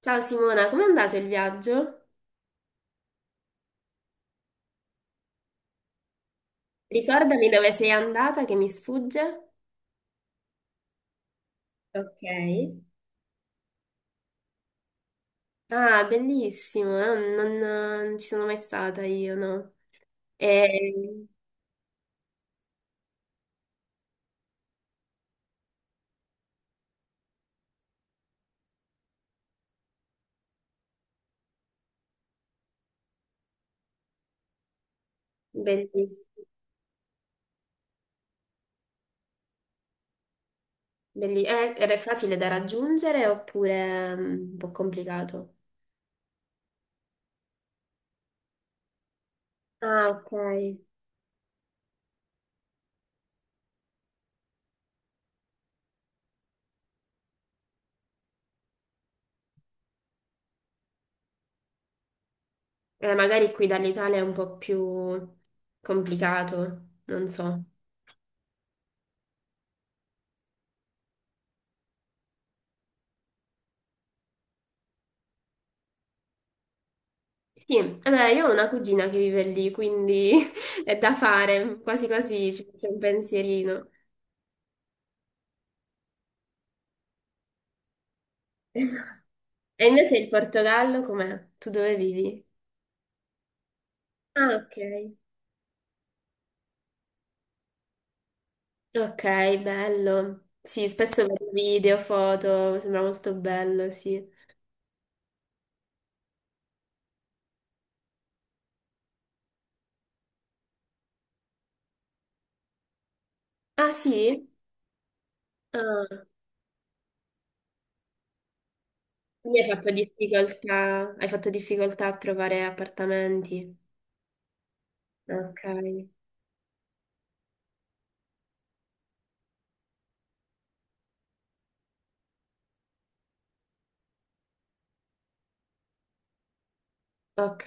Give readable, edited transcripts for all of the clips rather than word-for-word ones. Ciao Simona, com'è andato il viaggio? Ricordami dove sei andata che mi sfugge. Ok. Ah, bellissimo, non ci sono mai stata io, no? È bellissimo. Era facile da raggiungere oppure un po' complicato? Ah, ok. Magari qui dall'Italia è un po' più complicato, non so. Sì, eh beh, io ho una cugina che vive lì, quindi è da fare, quasi quasi ci faccio un pensierino. E invece il Portogallo com'è? Tu dove vivi? Ah, ok. Ok, bello. Sì, spesso vedo video, foto, sembra molto bello, sì. Ah, sì? Ah, quindi hai fatto difficoltà a trovare appartamenti. Ok, ok.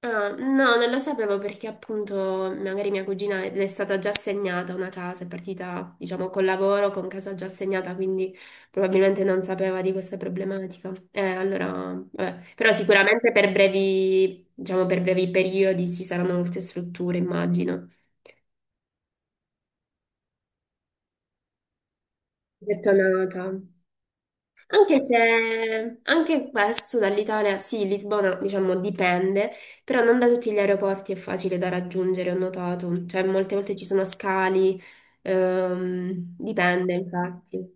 Ah, no, non lo sapevo perché appunto magari mia cugina le è stata già assegnata una casa, è partita diciamo col lavoro, con casa già assegnata, quindi probabilmente non sapeva di questa problematica. Allora, vabbè. Però sicuramente per brevi, diciamo per brevi periodi ci saranno molte strutture, immagino. Gettonata. Anche se anche questo dall'Italia, sì, Lisbona diciamo dipende, però non da tutti gli aeroporti è facile da raggiungere, ho notato, cioè molte volte ci sono scali, dipende infatti.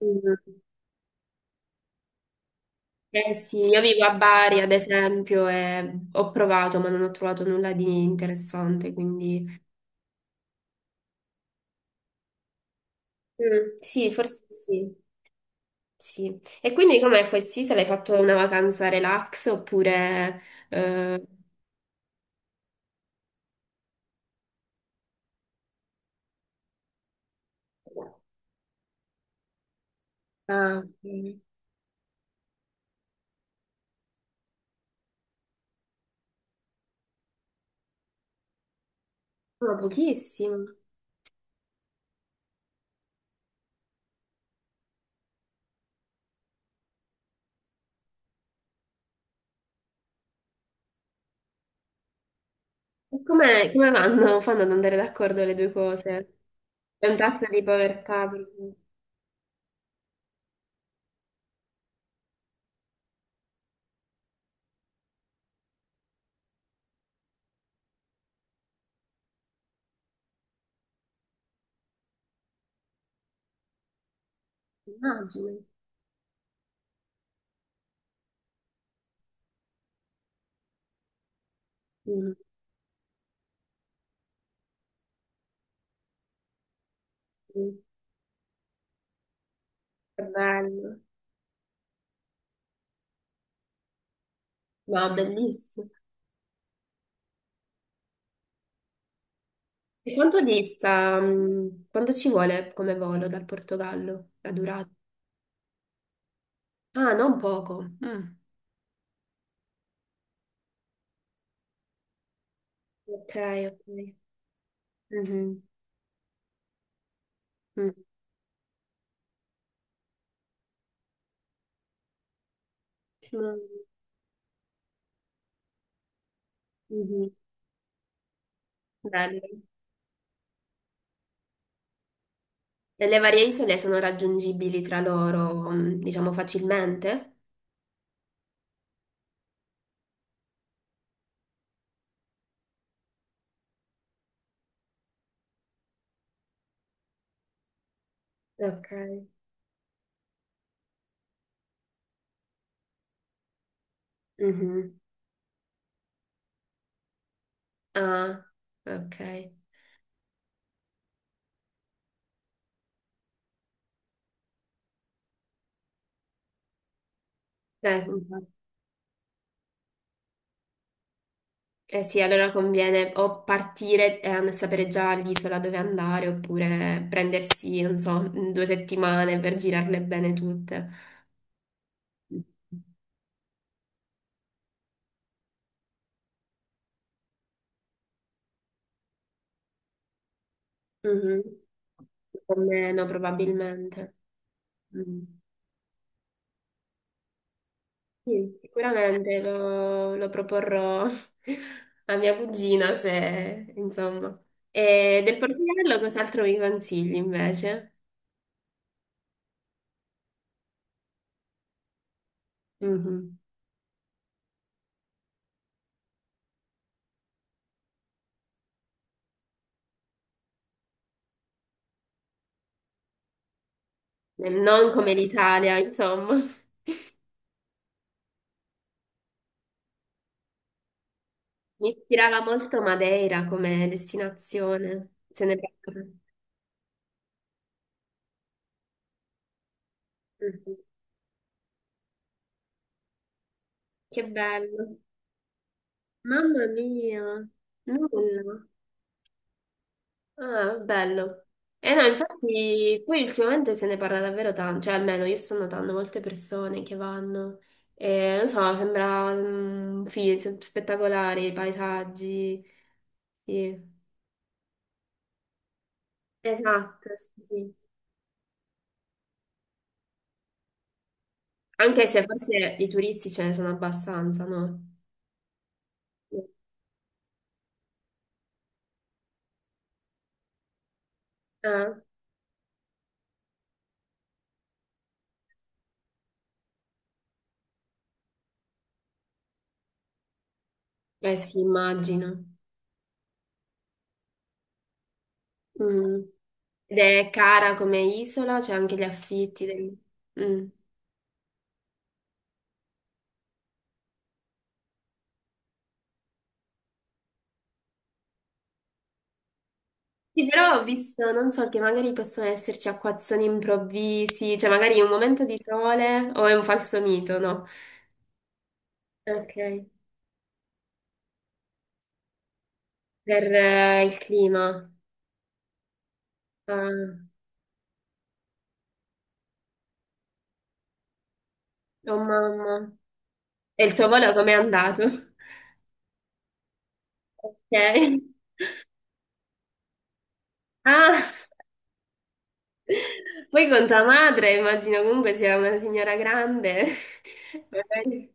Mm. Eh sì, io vivo a Bari ad esempio e ho provato ma non ho trovato nulla di interessante, quindi. Mm, sì, forse sì, sì. E quindi com'è questi? Se l'hai fatto una vacanza relax oppure. eh, Ah, ok. Ma pochissimo. E come fanno ad andare d'accordo le due cose? C'è un tasso di povertà, immagino. Mm, mm. Che bello. No, bellissimo. E quanto ci vuole come volo dal Portogallo? La durata? Ah, non poco. Mm. Ok, ok. Mhm, mm. Mm, mhm. Bello. E le varie isole sono raggiungibili tra loro, diciamo, facilmente? Ok. Mhm. Ah, ok. Dai, scusa. Eh sì, allora conviene o partire e sapere già l'isola dove andare, oppure prendersi, non so, due settimane per girarle bene tutte. Mhm. O meno probabilmente. Mm. Sì, sicuramente lo proporrò a mia cugina se, insomma. E del Portogallo cos'altro mi consigli invece? Mhm. Non come l'Italia, insomma. Mi ispirava molto Madeira come destinazione. Se ne parla. Mhm. Che bello. Mamma mia. Nulla. Ah, bello. E no, infatti, poi ultimamente se ne parla davvero tanto, cioè almeno io sto notando molte persone che vanno. E, non so, sembra sì, spettacolare i paesaggi. Sì. Esatto, sì. Sì. Anche se forse i turisti ce ne sono abbastanza, no? Eh, eh sì, immagino. Mm. Ed è cara come isola, c'è anche gli affitti. Mm. Sì, però ho visto, non so, che magari possono esserci acquazzoni improvvisi, cioè magari un momento di sole o è un falso mito, no? Ok. Per il clima. Ah, oh mamma. E il tuo volo com'è andato? Ok. Ah! Poi con tua madre, immagino comunque sia una signora grande. Magari-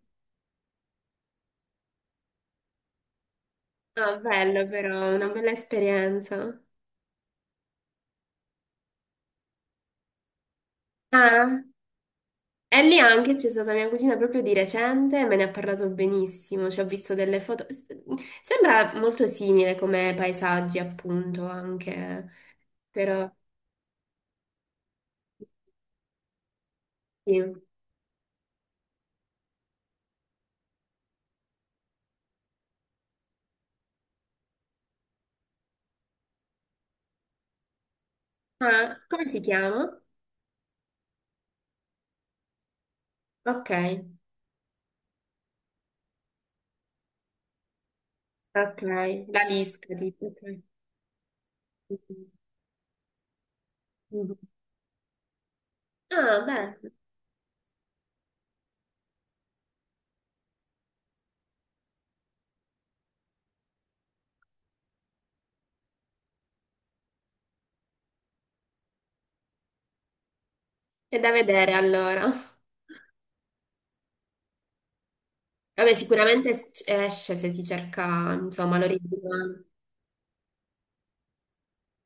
Ah, bello però, una bella esperienza. Ah, e lì anche c'è stata mia cugina proprio di recente, e me ne ha parlato benissimo, ci ho visto delle foto. Sembra molto simile come paesaggi, appunto, anche, però sì. Ah, come si chiama? Ok, ok, la lisca tipo. Ok. Mhm. Ah, beh, è da vedere allora. Vabbè, sicuramente esce se si cerca, insomma, l'originale.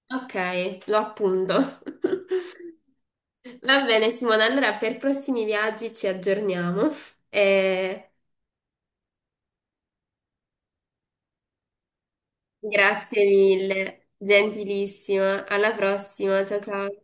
Ok, lo appunto. Va bene, Simona, allora per prossimi viaggi ci aggiorniamo. E grazie mille, gentilissima. Alla prossima, ciao ciao.